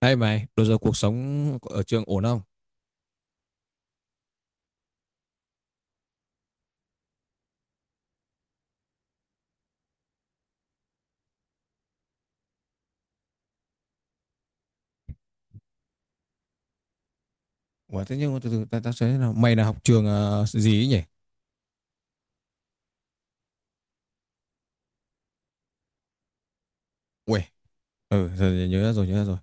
Hay mày, bây giờ cuộc sống ở trường ổn không? Ủa, thế nhưng mà từ từ ta sẽ thế nào? Mày là học trường gì ấy nhỉ? Uầy, ừ, giờ nhớ ra rồi, nhớ ra rồi.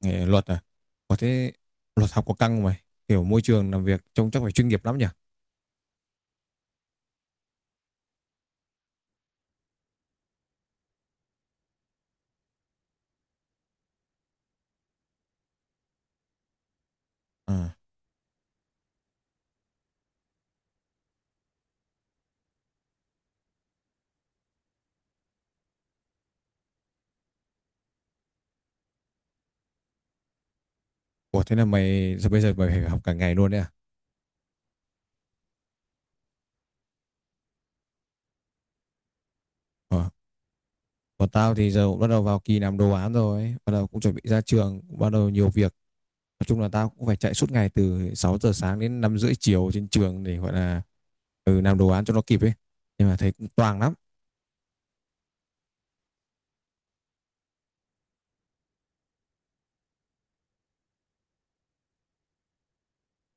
Nghề luật à? Ủa thế luật học có căng không mày? Kiểu môi trường làm việc trông chắc phải chuyên nghiệp lắm nhỉ? À. Ủa thế là mày, bây giờ mày phải học cả ngày luôn đấy à? Ờ. Còn tao thì giờ cũng bắt đầu vào kỳ làm đồ án rồi ấy. Bắt đầu cũng chuẩn bị ra trường, cũng bắt đầu nhiều việc. Nói chung là tao cũng phải chạy suốt ngày từ 6 giờ sáng đến 5 rưỡi chiều trên trường để gọi là làm đồ án cho nó kịp ấy. Nhưng mà thấy cũng toang lắm.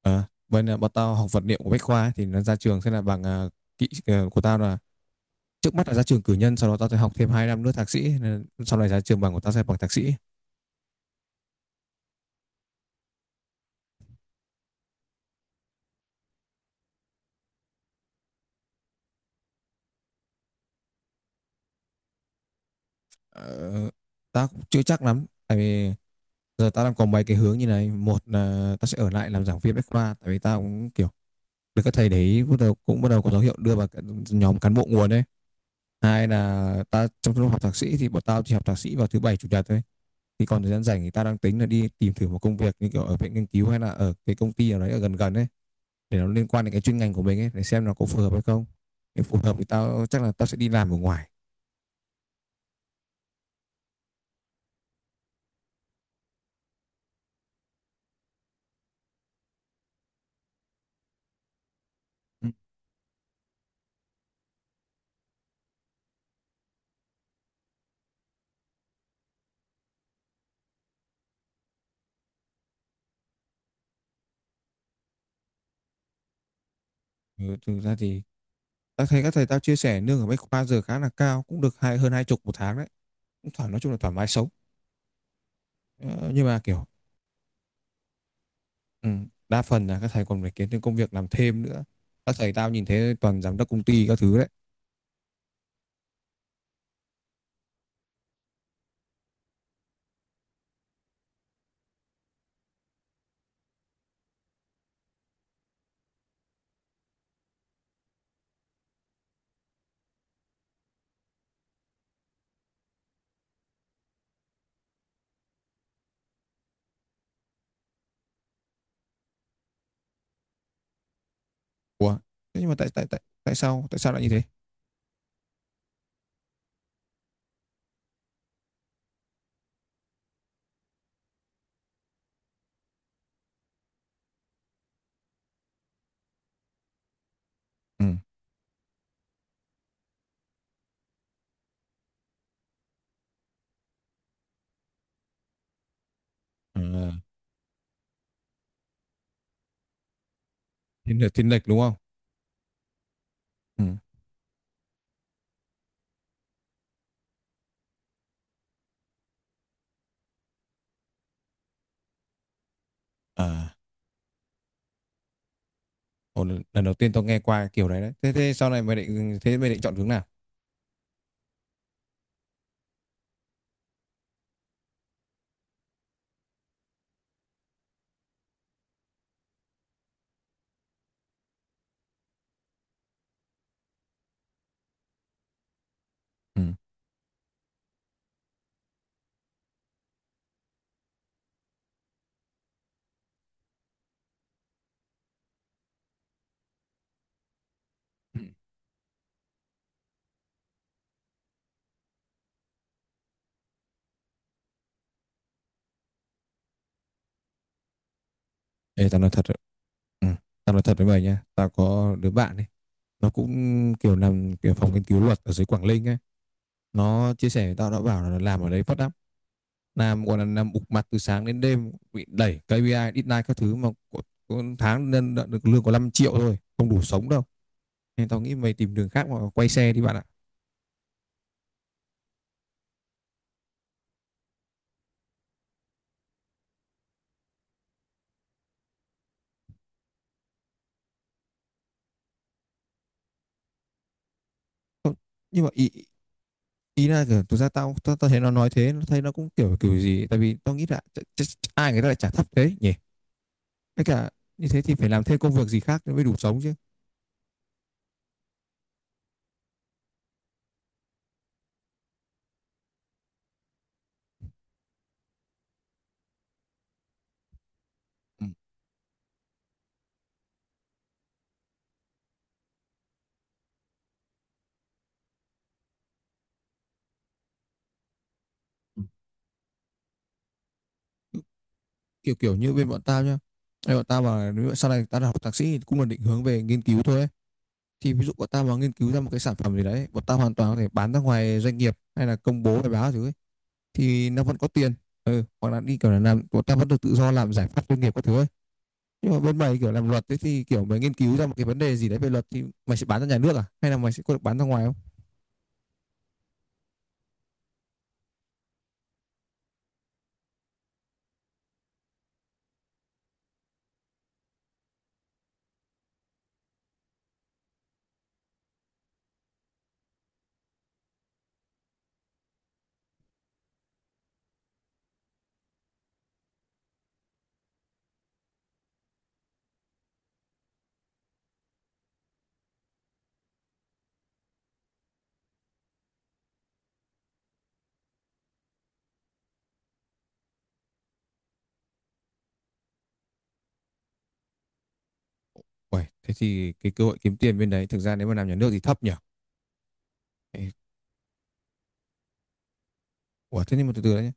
Ờ, bọn tao học vật liệu của Bách Khoa ấy, thì nó ra trường sẽ là bằng kỹ của tao là, trước mắt là ra trường cử nhân, sau đó tao sẽ học thêm 2 năm nữa thạc sĩ, nên sau này ra trường bằng của tao sẽ bằng thạc sĩ. ờ, Tao cũng chưa chắc lắm, tại vì giờ tao đang có mấy cái hướng như này: một là tao sẽ ở lại làm giảng viên Bách Khoa, tại vì tao cũng kiểu được các thầy đấy bắt đầu cũng bắt đầu có dấu hiệu đưa vào cái nhóm cán bộ nguồn đấy. Hai là ta, trong lúc học thạc sĩ thì bọn tao chỉ học thạc sĩ vào thứ bảy chủ nhật thôi, thì còn thời gian rảnh thì tao đang tính là đi tìm thử một công việc như kiểu ở viện nghiên cứu hay là ở cái công ty nào đấy ở gần gần ấy, để nó liên quan đến cái chuyên ngành của mình ấy, để xem nó có phù hợp hay không. Nếu phù hợp thì tao chắc là tao sẽ đi làm ở ngoài. Ừ. Ừ, thực ra thì tao thấy các thầy tao chia sẻ lương ở Bách Khoa giờ khá là cao, cũng được hai hơn hai chục một tháng đấy, cũng thoải nói chung là thoải mái sống. Ờ, nhưng mà kiểu, ừ, đa phần là các thầy còn phải kiếm thêm công việc làm thêm nữa. Các thầy tao nhìn thấy toàn giám đốc công ty các thứ đấy. Ủa thế nhưng mà tại tại tại tại sao lại như thế? Ừ. À, thiên lệch đúng không? Ừ. À, ồ, lần đầu tiên tao nghe qua kiểu đấy đấy. Thế thế sau này mày định, thế mày định chọn hướng nào? Ừ. Ê, tao nói thật đấy. Ừ. Tao nói thật với mày nha. Tao có đứa bạn ấy. Nó cũng kiểu làm kiểu phòng nghiên cứu luật ở dưới Quảng Ninh ấy. Nó chia sẻ với tao, nó bảo là làm ở đấy phát lắm. Làm còn là làm bục mặt từ sáng đến đêm, bị đẩy KPI, deadline các thứ, mà có tháng nên đã được lương có 5 triệu thôi, không đủ sống đâu. Nên tao nghĩ mày tìm đường khác mà quay xe đi bạn ạ. Không, nhưng mà ý, ý là kiểu thực ra tao tao, tao thấy nó nói thế, nó thấy nó cũng kiểu kiểu gì, tại vì tao nghĩ là ai người ta lại trả thấp thế nhỉ, tất cả như thế thì phải làm thêm công việc gì khác mới đủ sống chứ. Ừ. Kiểu kiểu như bên bọn tao nhá. Ê, bọn tao mà nếu sau này tao học thạc sĩ thì cũng là định hướng về nghiên cứu thôi ấy. Thì ví dụ bọn tao mà nghiên cứu ra một cái sản phẩm gì đấy, bọn tao hoàn toàn có thể bán ra ngoài doanh nghiệp hay là công bố bài báo thứ ấy. Thì nó vẫn có tiền. Ừ, hoặc là đi kiểu là làm, bọn tao vẫn được tự do làm giải pháp doanh nghiệp các thứ ấy. Nhưng mà bên mày kiểu làm luật thế, thì kiểu mày nghiên cứu ra một cái vấn đề gì đấy về luật thì mày sẽ bán ra nhà nước à? Hay là mày sẽ có được bán ra ngoài không? Uầy, thế thì cái cơ hội kiếm tiền bên đấy, thực ra nếu mà làm nhà nước thì thấp nhỉ? Ủa thế nhưng mà từ từ đấy nhé.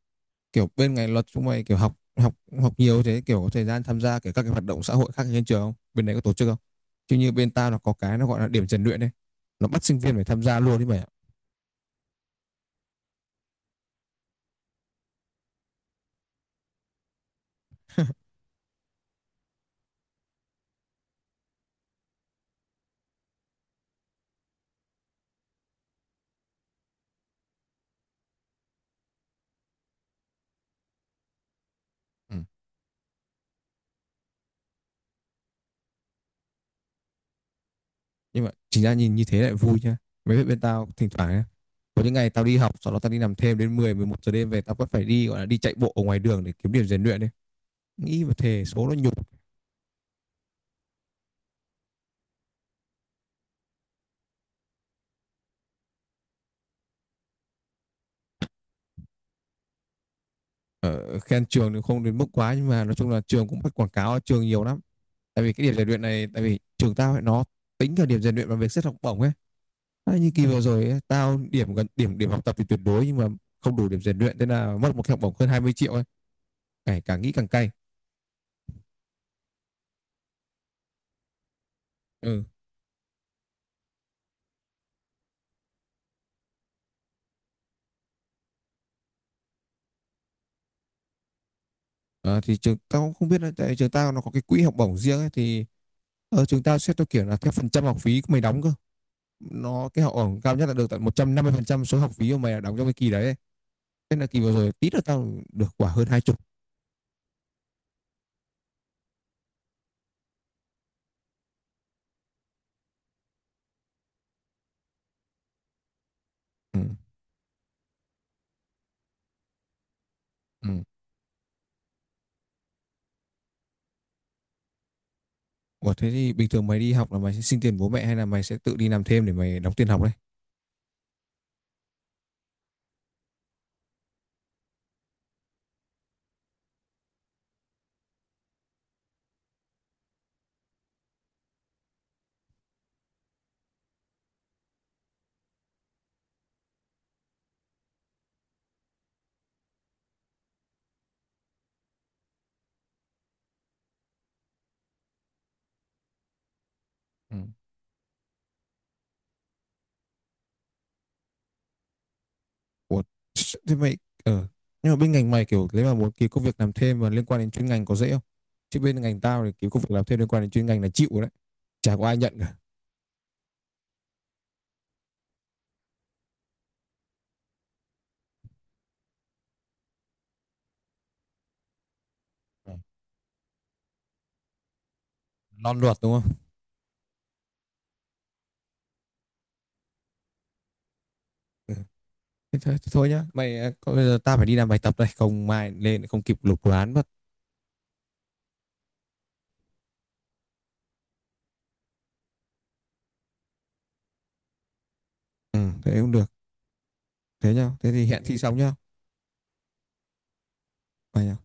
Kiểu bên ngành luật chúng mày kiểu học học học nhiều thế, kiểu có thời gian tham gia kiểu các cái hoạt động xã hội khác trên trường không? Bên đấy có tổ chức không? Chứ như bên tao là có cái nó gọi là điểm rèn luyện đấy. Nó bắt sinh viên phải tham gia luôn đấy mày ạ. Ừ. Nhưng mà chính ra nhìn như thế lại vui nhá, mấy bên, bên tao thỉnh thoảng nhá, có những ngày tao đi học sau đó tao đi nằm thêm đến mười mười một giờ đêm, về tao vẫn phải đi gọi là đi chạy bộ ở ngoài đường để kiếm điểm rèn luyện đấy, nghĩ và thề số nó nhục. Ở khen trường thì không đến mức quá, nhưng mà nói chung là trường cũng bắt quảng cáo trường nhiều lắm, tại vì cái điểm rèn luyện này, tại vì trường tao ấy, nó tính cả điểm rèn luyện và việc xét học bổng ấy. À, như kỳ vừa rồi ấy, tao điểm, gần điểm điểm học tập thì tuyệt đối, nhưng mà không đủ điểm rèn luyện, thế là mất một cái học bổng hơn 20 triệu ấy, cả, cả nghĩ càng cay. Ừ. Ờ, thì trường tao cũng không biết nữa, tại trường tao nó có cái quỹ học bổng riêng ấy, thì ở trường tao xét theo kiểu là theo phần trăm học phí của mày đóng cơ, nó cái học bổng cao nhất là được tận 150% số học phí của mày đã đóng trong cái kỳ đấy ấy. Thế là kỳ vừa rồi tí nữa tao được quả hơn hai chục. Ừ. Ừ. Ủa thế thì bình thường mày đi học là mày sẽ xin tiền bố mẹ hay là mày sẽ tự đi làm thêm để mày đóng tiền học đấy? Ừ. Ủa thế mày, ờ nhưng mà bên ngành mày kiểu nếu mà muốn kiếm công việc làm thêm mà liên quan đến chuyên ngành có dễ không, chứ bên ngành tao thì kiếm công việc làm thêm liên quan đến chuyên ngành là chịu rồi đấy, chả có ai nhận cả. Ừ. Non luật đúng không? Ừ. Thế thôi nhá mày à, có- bây giờ ta phải đi làm bài tập đây, không mai lên lại không kịp lục đồ án mất. Ừ, thế cũng được. Thế nhá, thế thì hẹn thi xong nhá, mày nhá.